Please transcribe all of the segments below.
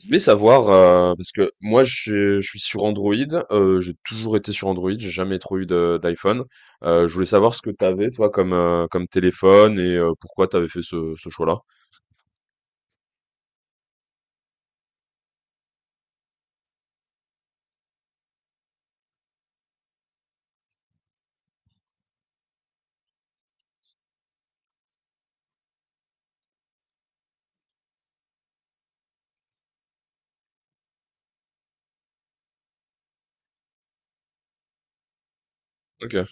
Je voulais savoir, parce que moi je suis sur Android, j'ai toujours été sur Android, j'ai jamais trop eu d'iPhone. Je voulais savoir ce que t'avais toi comme, comme téléphone et pourquoi t'avais fait ce choix-là. Ok.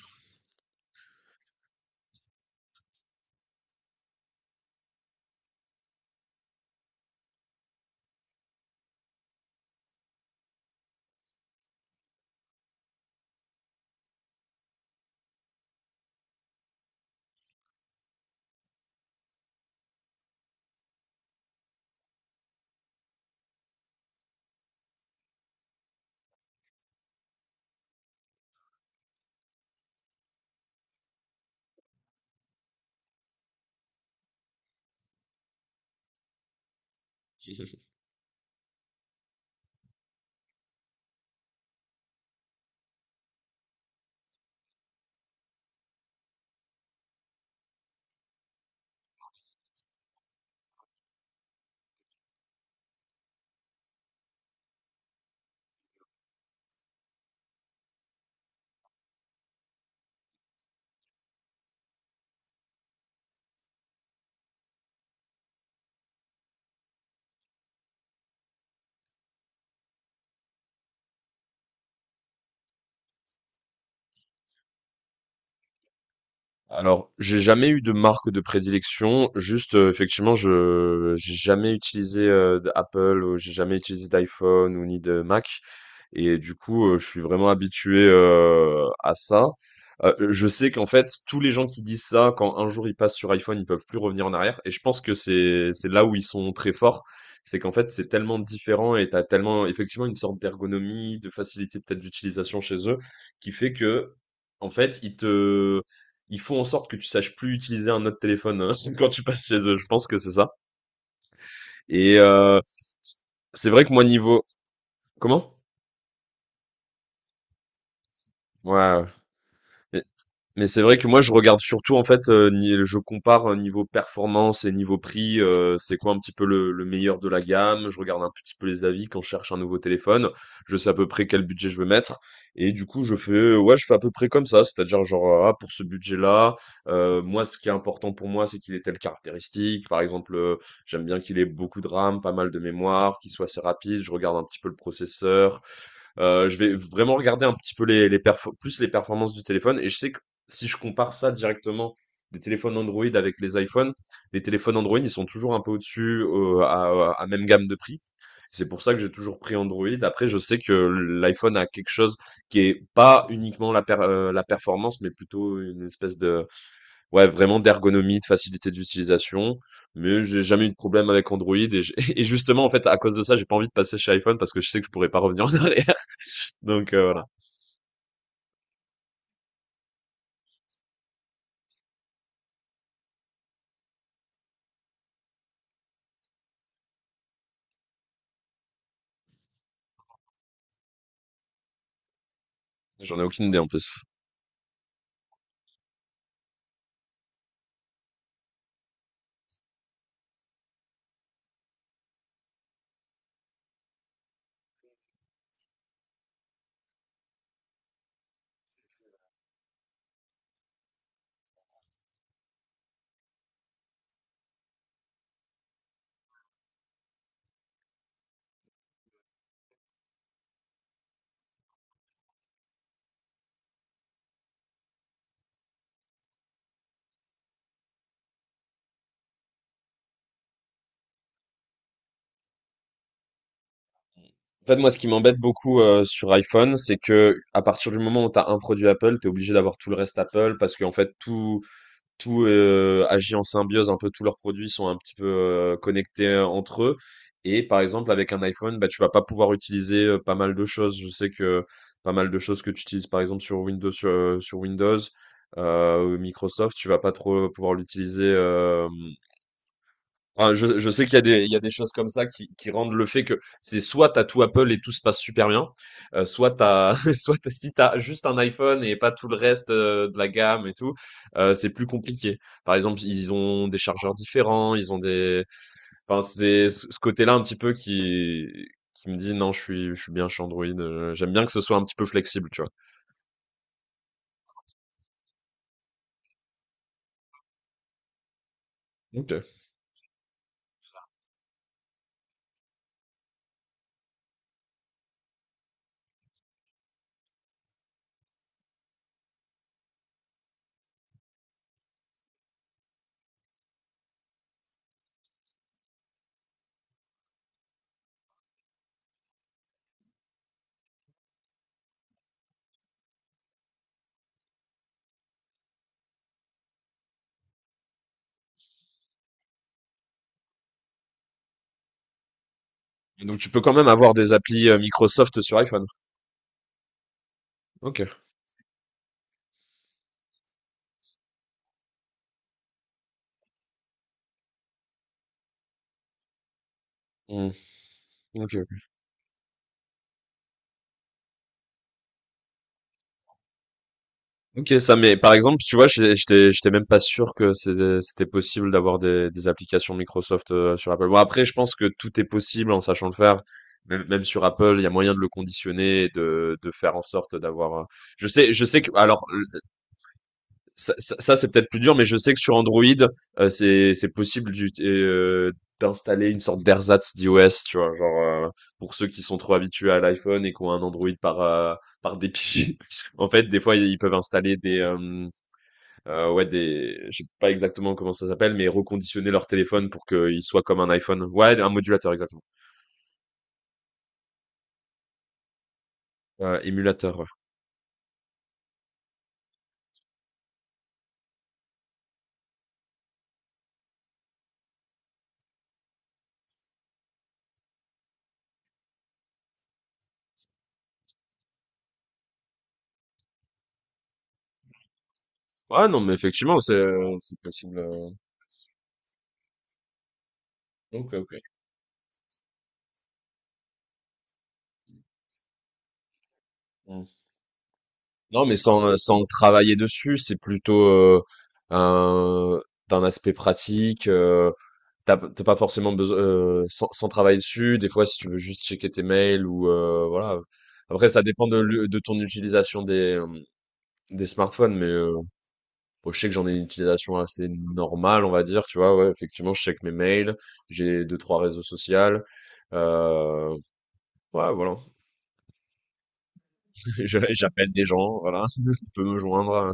Alors, j'ai jamais eu de marque de prédilection, juste effectivement, je j'ai jamais utilisé d'Apple, ou j'ai jamais utilisé d'iPhone ou ni de Mac. Et du coup, je suis vraiment habitué, à ça. Je sais qu'en fait, tous les gens qui disent ça, quand un jour ils passent sur iPhone, ils peuvent plus revenir en arrière et je pense que c'est là où ils sont très forts. C'est qu'en fait, c'est tellement différent et t'as tellement effectivement une sorte d'ergonomie, de facilité peut-être d'utilisation chez eux, qui fait que en fait, ils font en sorte que tu saches plus utiliser un autre téléphone, quand tu passes chez eux. Je pense que c'est ça et c'est vrai que moi niveau comment? Ouais, ouais. Mais c'est vrai que moi je regarde surtout en fait, ni je compare, niveau performance et niveau prix, c'est quoi un petit peu le meilleur de la gamme. Je regarde un petit peu les avis quand je cherche un nouveau téléphone. Je sais à peu près quel budget je veux mettre et du coup je fais, ouais, je fais à peu près comme ça. C'est-à-dire genre, ah pour ce budget-là, moi ce qui est important pour moi, c'est qu'il ait telle caractéristique. Par exemple, j'aime bien qu'il ait beaucoup de RAM, pas mal de mémoire, qu'il soit assez rapide. Je regarde un petit peu le processeur, je vais vraiment regarder un petit peu plus les performances du téléphone. Et je sais que si je compare ça directement des téléphones Android avec les iPhones, les téléphones Android, ils sont toujours un peu au-dessus, à même gamme de prix. C'est pour ça que j'ai toujours pris Android. Après, je sais que l'iPhone a quelque chose qui est pas uniquement la performance, mais plutôt une espèce de, ouais, vraiment d'ergonomie, de facilité d'utilisation. Mais j'ai jamais eu de problème avec Android. Et justement, en fait, à cause de ça, j'ai pas envie de passer chez iPhone parce que je sais que je pourrais pas revenir en arrière. Donc voilà. J'en ai aucune idée en plus. En fait, moi, ce qui m'embête beaucoup sur iPhone, c'est que à partir du moment où tu as un produit Apple, tu es obligé d'avoir tout le reste Apple parce qu'en fait, tout, tout agit en symbiose. Un peu tous leurs produits sont un petit peu connectés entre eux. Et par exemple, avec un iPhone, bah, tu vas pas pouvoir utiliser pas mal de choses. Je sais que pas mal de choses que tu utilises, par exemple, sur Windows, sur Windows, ou Microsoft, tu vas pas trop pouvoir l'utiliser. Enfin, je sais qu'il y a des, il y a des choses comme ça qui rendent le fait que c'est soit t'as tout Apple et tout se passe super bien, si t'as juste un iPhone et pas tout le reste de la gamme et tout, c'est plus compliqué. Par exemple, ils ont des chargeurs différents, enfin, c'est ce côté-là un petit peu qui me dit non, je suis bien chez Android. J'aime bien que ce soit un petit peu flexible, tu vois. Ok. Et donc tu peux quand même avoir des applis Microsoft sur iPhone. Ok. Hmm. Ok. OK, ça mais par exemple, tu vois, j'étais même pas sûr que c'était possible d'avoir des applications Microsoft sur Apple. Bon, après, je pense que tout est possible en sachant le faire. Même, même sur Apple, il y a moyen de le conditionner et de faire en sorte d'avoir. Je sais que ça, ça, ça, c'est peut-être plus dur, mais je sais que sur Android, c'est possible d'installer une sorte d'ersatz d'iOS, tu vois, genre euh, pour ceux qui sont trop habitués à l'iPhone et qui ont un Android par dépit. En fait, des fois, ils peuvent installer des, ouais des je sais pas exactement comment ça s'appelle, mais reconditionner leur téléphone pour qu'il soit comme un iPhone. Ouais, un modulateur exactement. Émulateur, ouais. Ouais, non, mais effectivement c'est possible, OK, OK. Mmh. Non mais sans travailler dessus, c'est plutôt, un d'un aspect pratique, t'as p tu pas forcément besoin sans travailler dessus, des fois si tu veux juste checker tes mails ou voilà. Après ça dépend de ton utilisation des, des smartphones mais euh, bon, je sais que j'en ai une utilisation assez normale, on va dire, tu vois, ouais, effectivement, je check mes mails, j'ai deux, trois réseaux sociaux, euh, ouais, voilà, j'appelle des gens, voilà, on peut me joindre.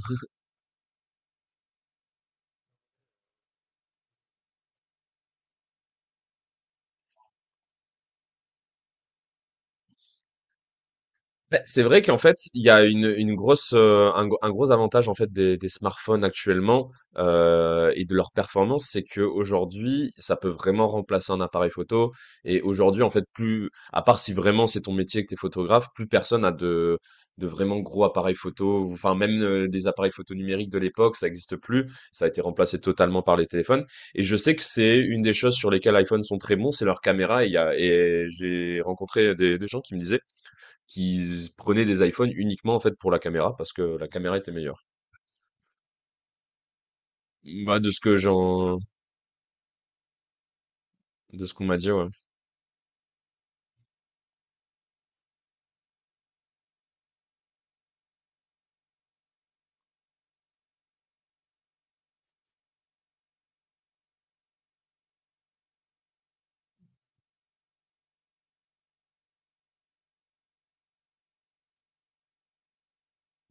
Beh, c'est vrai qu'en fait, il y a un gros avantage, en fait, des smartphones actuellement, et de leur performance, c'est que aujourd'hui, ça peut vraiment remplacer un appareil photo et aujourd'hui, en fait, plus à part si vraiment c'est ton métier que tu es photographe, plus personne a de vraiment gros appareils photo enfin, même, des appareils photo numériques de l'époque, ça n'existe plus. Ça a été remplacé totalement par les téléphones et je sais que c'est une des choses sur lesquelles iPhone sont très bons, c'est leurs caméras et il y a et j'ai rencontré des gens qui me disaient qui prenaient des iPhones uniquement en fait pour la caméra parce que la caméra était meilleure. Bah de ce qu'on m'a dit, ouais.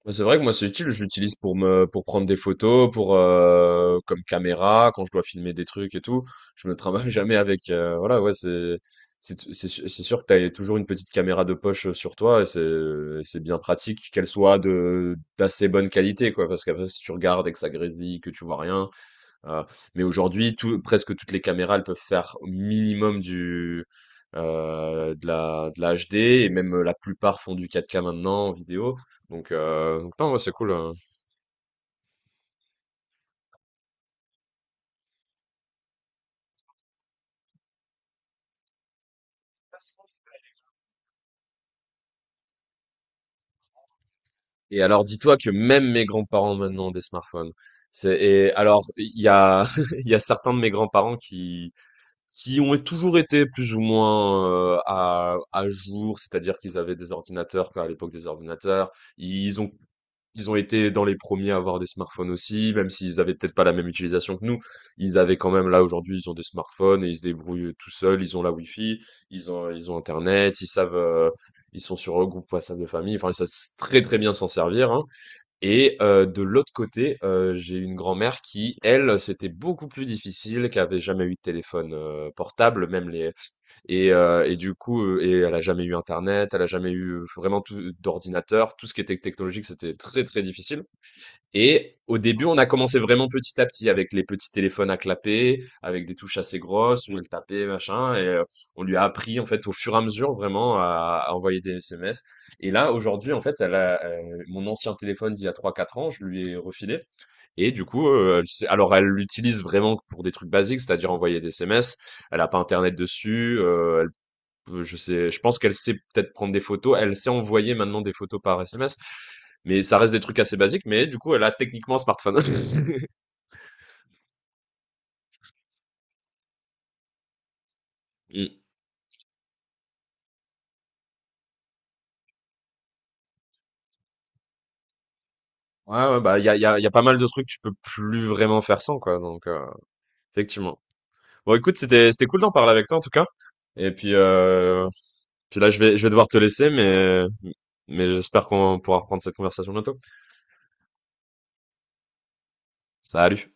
Bah, c'est vrai que moi c'est utile, je l'utilise pour prendre des photos, pour comme caméra quand je dois filmer des trucs et tout. Je me travaille jamais avec voilà, ouais, c'est c'est sûr que t'as toujours une petite caméra de poche sur toi et c'est bien pratique qu'elle soit de d'assez bonne qualité quoi parce qu'après si tu regardes et que ça grésille que tu vois rien. Heu, mais aujourd'hui, tout presque toutes les caméras, elles peuvent faire au minimum du, de la HD et même, la plupart font du 4K maintenant en vidéo. Donc, non, ouais, c'est cool, et alors dis-toi que même mes grands-parents maintenant ont des smartphones. C'est Et alors il y a il y a certains de mes grands-parents qui ont toujours été plus ou moins, à jour, c'est-à-dire qu'ils avaient des ordinateurs, quoi, à l'époque des ordinateurs. Ils ont Ils ont été dans les premiers à avoir des smartphones aussi, même s'ils avaient peut-être pas la même utilisation que nous. Ils avaient quand même, là, aujourd'hui, ils ont des smartphones et ils se débrouillent tout seuls. Ils ont la Wi-Fi, ils ont Internet, ils savent, ils sont sur un groupe WhatsApp de famille. Enfin, ils savent très, très bien s'en servir, hein. Et de l'autre côté, j'ai une grand-mère qui, elle, c'était beaucoup plus difficile, qui avait jamais eu de téléphone portable, même les Et du coup, et elle a jamais eu Internet, elle a jamais eu vraiment tout d'ordinateur, tout ce qui était technologique, c'était très très difficile. Et au début, on a commencé vraiment petit à petit avec les petits téléphones à clapper, avec des touches assez grosses où elle tapait, machin. Et on lui a appris, en fait, au fur et à mesure, vraiment, à envoyer des SMS. Et là, aujourd'hui, en fait, elle a, mon ancien téléphone d'il y a trois quatre ans, je lui ai refilé. Et du coup, alors, elle l'utilise vraiment pour des trucs basiques, c'est-à-dire envoyer des SMS. Elle a pas Internet dessus. Je sais, je pense qu'elle sait peut-être prendre des photos. Elle sait envoyer maintenant des photos par SMS, mais ça reste des trucs assez basiques, mais du coup, elle a techniquement un smartphone. Mm. Ouais, ouais, bah, il y a, y a, y a pas mal de trucs que tu peux plus vraiment faire sans, quoi. Donc, effectivement. Bon, écoute, c'était cool d'en parler avec toi, en tout cas. Et puis là, je vais devoir te laisser, mais j'espère qu'on pourra reprendre cette conversation bientôt. Salut.